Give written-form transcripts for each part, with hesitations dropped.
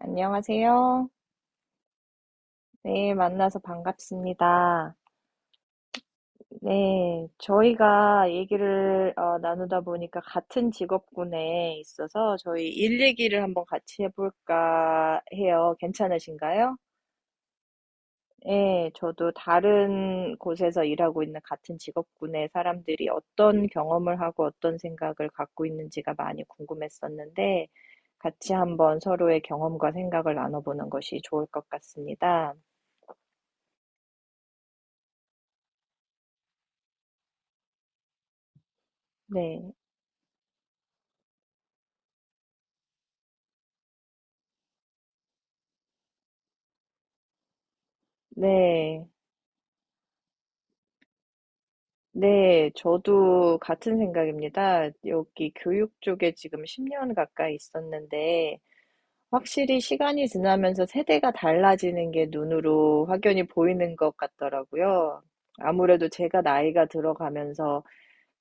안녕하세요. 네, 만나서 반갑습니다. 네, 저희가 얘기를 나누다 보니까 같은 직업군에 있어서 저희 일 얘기를 한번 같이 해볼까 해요. 괜찮으신가요? 네, 저도 다른 곳에서 일하고 있는 같은 직업군의 사람들이 어떤 경험을 하고 어떤 생각을 갖고 있는지가 많이 궁금했었는데 같이 한번 서로의 경험과 생각을 나눠보는 것이 좋을 것 같습니다. 네, 네. 네. 저도 같은 생각입니다. 여기 교육 쪽에 지금 10년 가까이 있었는데 확실히 시간이 지나면서 세대가 달라지는 게 눈으로 확연히 보이는 것 같더라고요. 아무래도 제가 나이가 들어가면서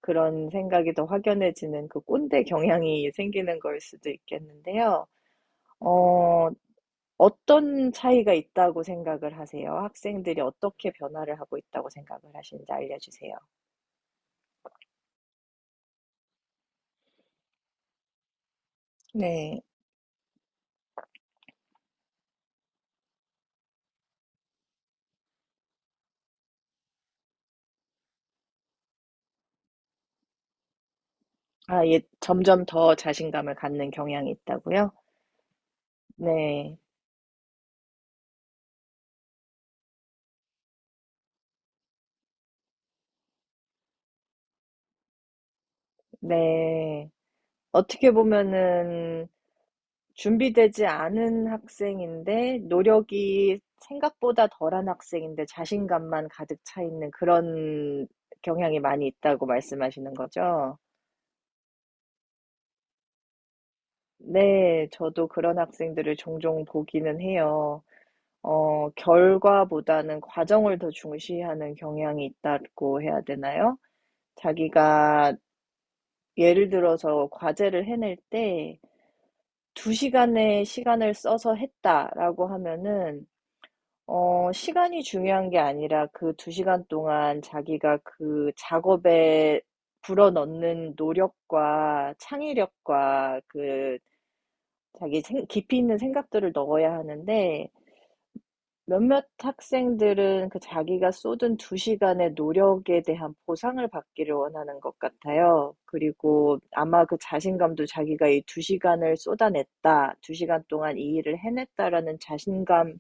그런 생각이 더 확연해지는 그 꼰대 경향이 생기는 걸 수도 있겠는데요. 어 어떤 차이가 있다고 생각을 하세요? 학생들이 어떻게 변화를 하고 있다고 생각을 하시는지 알려 주세요. 네. 아, 예, 점점 더 자신감을 갖는 경향이 있다고요? 네, 네. 어떻게 보면은 준비되지 않은 학생인데 노력이 생각보다 덜한 학생인데 자신감만 가득 차 있는 그런 경향이 많이 있다고 말씀하시는 거죠? 네, 저도 그런 학생들을 종종 보기는 해요. 결과보다는 과정을 더 중시하는 경향이 있다고 해야 되나요? 자기가 예를 들어서 과제를 해낼 때 2시간의 시간을 써서 했다라고 하면은 시간이 중요한 게 아니라 그 2시간 동안 자기가 그 작업에 불어넣는 노력과 창의력과 그 깊이 있는 생각들을 넣어야 하는데 몇몇 학생들은 그 자기가 쏟은 2시간 시간의 노력에 대한 보상을 받기를 원하는 것 같아요. 그리고 아마 그 자신감도 자기가 이 2시간 시간을 쏟아냈다, 2시간 시간 동안 이 일을 해냈다라는 자신감이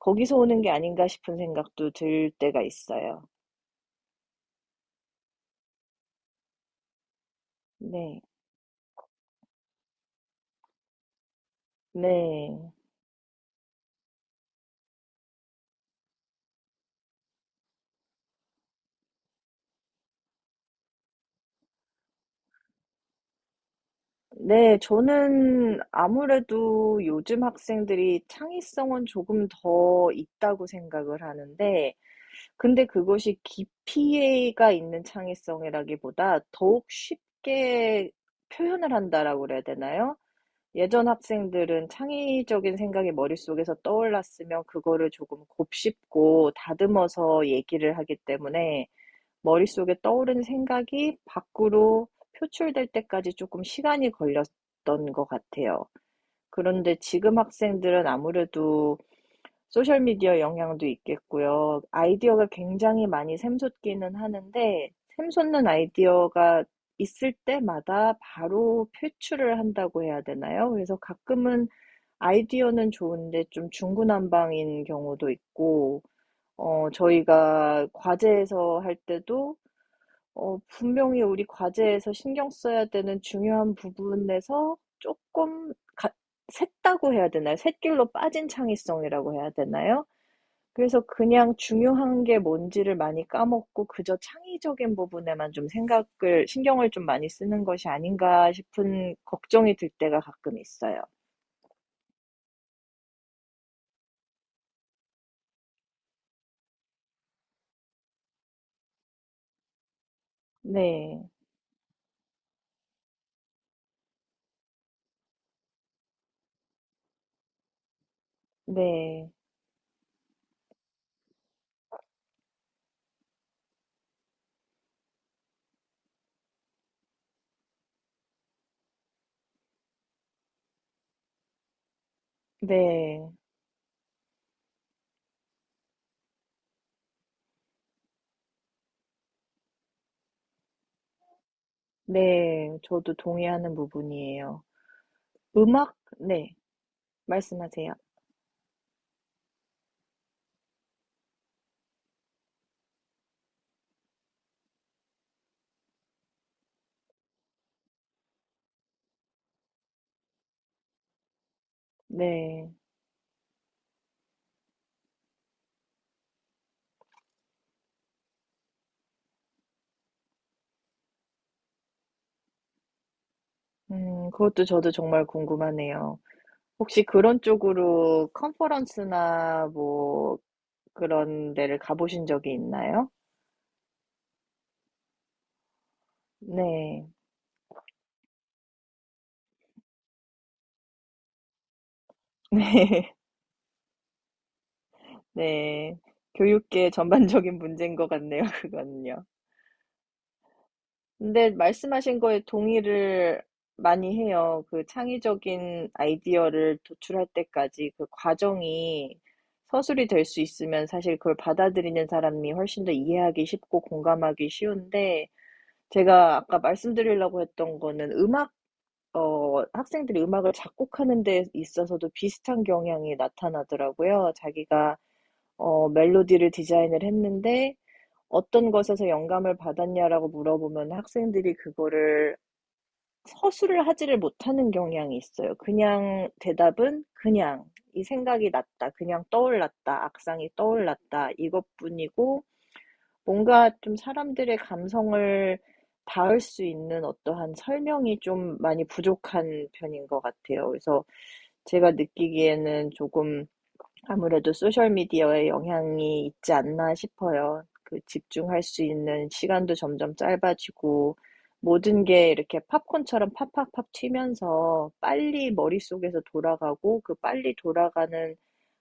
거기서 오는 게 아닌가 싶은 생각도 들 때가 있어요. 네. 네. 네. 저는 아무래도 요즘 학생들이 창의성은 조금 더 있다고 생각을 하는데 근데 그것이 깊이가 있는 창의성이라기보다 더욱 쉽게 표현을 한다라고 그래야 되나요? 예전 학생들은 창의적인 생각이 머릿속에서 떠올랐으면 그거를 조금 곱씹고 다듬어서 얘기를 하기 때문에 머릿속에 떠오른 생각이 밖으로 표출될 때까지 조금 시간이 걸렸던 것 같아요. 그런데 지금 학생들은 아무래도 소셜미디어 영향도 있겠고요. 아이디어가 굉장히 많이 샘솟기는 하는데 샘솟는 아이디어가 있을 때마다 바로 표출을 한다고 해야 되나요? 그래서 가끔은 아이디어는 좋은데 좀 중구난방인 경우도 있고 저희가 과제에서 할 때도 분명히 우리 과제에서 신경 써야 되는 중요한 부분에서 조금 가 샜다고 해야 되나요? 샛길로 빠진 창의성이라고 해야 되나요? 그래서 그냥 중요한 게 뭔지를 많이 까먹고 그저 창의적인 부분에만 좀 생각을 신경을 좀 많이 쓰는 것이 아닌가 싶은 걱정이 들 때가 가끔 있어요. 네. 네. 네. 네. 저도 동의하는 부분이에요. 음악 네. 말씀하세요. 네. 그것도 저도 정말 궁금하네요. 혹시 그런 쪽으로 컨퍼런스나 뭐 그런 데를 가보신 적이 있나요? 네. 네. 네. 교육계 전반적인 문제인 것 같네요, 그거는요. 근데 말씀하신 거에 동의를 많이 해요. 그 창의적인 아이디어를 도출할 때까지 그 과정이 서술이 될 수 있으면 사실 그걸 받아들이는 사람이 훨씬 더 이해하기 쉽고 공감하기 쉬운데 제가 아까 말씀드리려고 했던 거는 음악, 학생들이 음악을 작곡하는 데 있어서도 비슷한 경향이 나타나더라고요. 자기가 멜로디를 디자인을 했는데 어떤 것에서 영감을 받았냐라고 물어보면 학생들이 그거를 서술을 하지를 못하는 경향이 있어요. 그냥 대답은 그냥 이 생각이 났다. 그냥 떠올랐다. 악상이 떠올랐다. 이것뿐이고 뭔가 좀 사람들의 감성을 닿을 수 있는 어떠한 설명이 좀 많이 부족한 편인 것 같아요. 그래서 제가 느끼기에는 조금 아무래도 소셜미디어의 영향이 있지 않나 싶어요. 그 집중할 수 있는 시간도 점점 짧아지고 모든 게 이렇게 팝콘처럼 팍팍팍 튀면서 빨리 머릿속에서 돌아가고 그 빨리 돌아가는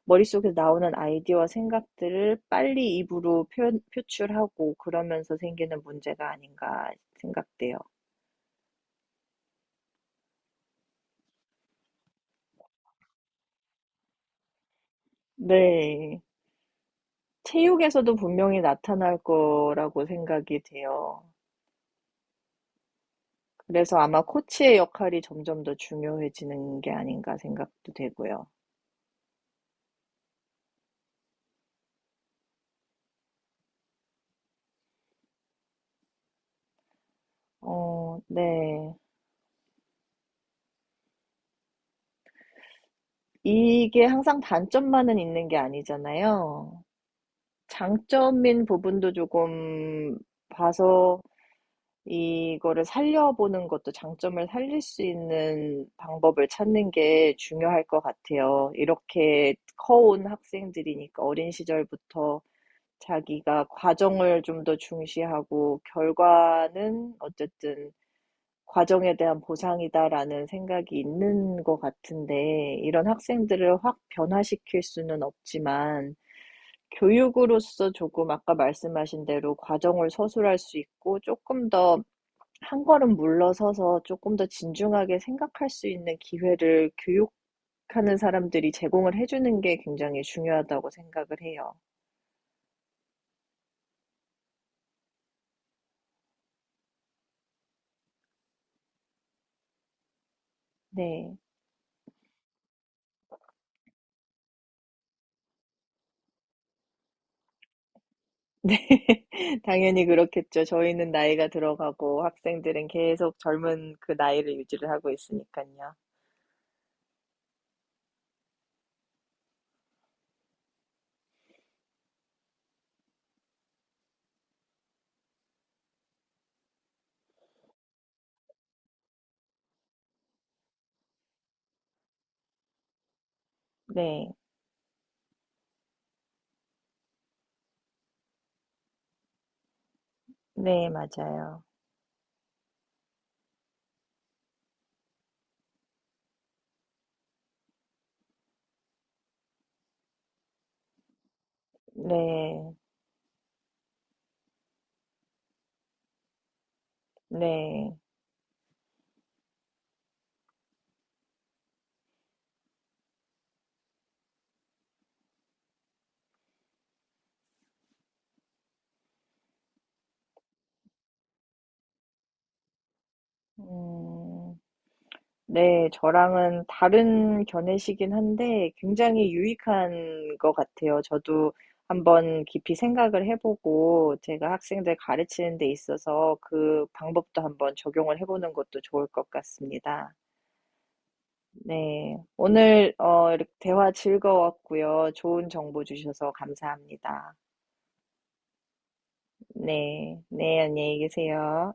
머릿속에서 나오는 아이디어와 생각들을 빨리 입으로 표현, 표출하고 그러면서 생기는 문제가 아닌가 생각돼요. 네. 체육에서도 분명히 나타날 거라고 생각이 돼요. 그래서 아마 코치의 역할이 점점 더 중요해지는 게 아닌가 생각도 되고요. 어, 네. 이게 항상 단점만은 있는 게 아니잖아요. 장점인 부분도 조금 봐서 이거를 살려보는 것도 장점을 살릴 수 있는 방법을 찾는 게 중요할 것 같아요. 이렇게 커온 학생들이니까 어린 시절부터 자기가 과정을 좀 더 중시하고 결과는 어쨌든 과정에 대한 보상이다라는 생각이 있는 것 같은데 이런 학생들을 확 변화시킬 수는 없지만 교육으로서 조금 아까 말씀하신 대로 과정을 서술할 수 있고 조금 더 한 걸음 물러서서 조금 더 진중하게 생각할 수 있는 기회를 교육하는 사람들이 제공을 해주는 게 굉장히 중요하다고 생각을 해요. 네. 네. 당연히 그렇겠죠. 저희는 나이가 들어가고 학생들은 계속 젊은 그 나이를 유지를 하고 있으니까요. 네. 네, 맞아요. 네. 네. 음. 네, 저랑은 다른 견해시긴 한데 굉장히 유익한 것 같아요. 저도 한번 깊이 생각을 해보고 제가 학생들 가르치는 데 있어서 그 방법도 한번 적용을 해보는 것도 좋을 것 같습니다. 네. 오늘 이렇게 대화 즐거웠고요. 좋은 정보 주셔서 감사합니다. 네. 네, 안녕히 계세요.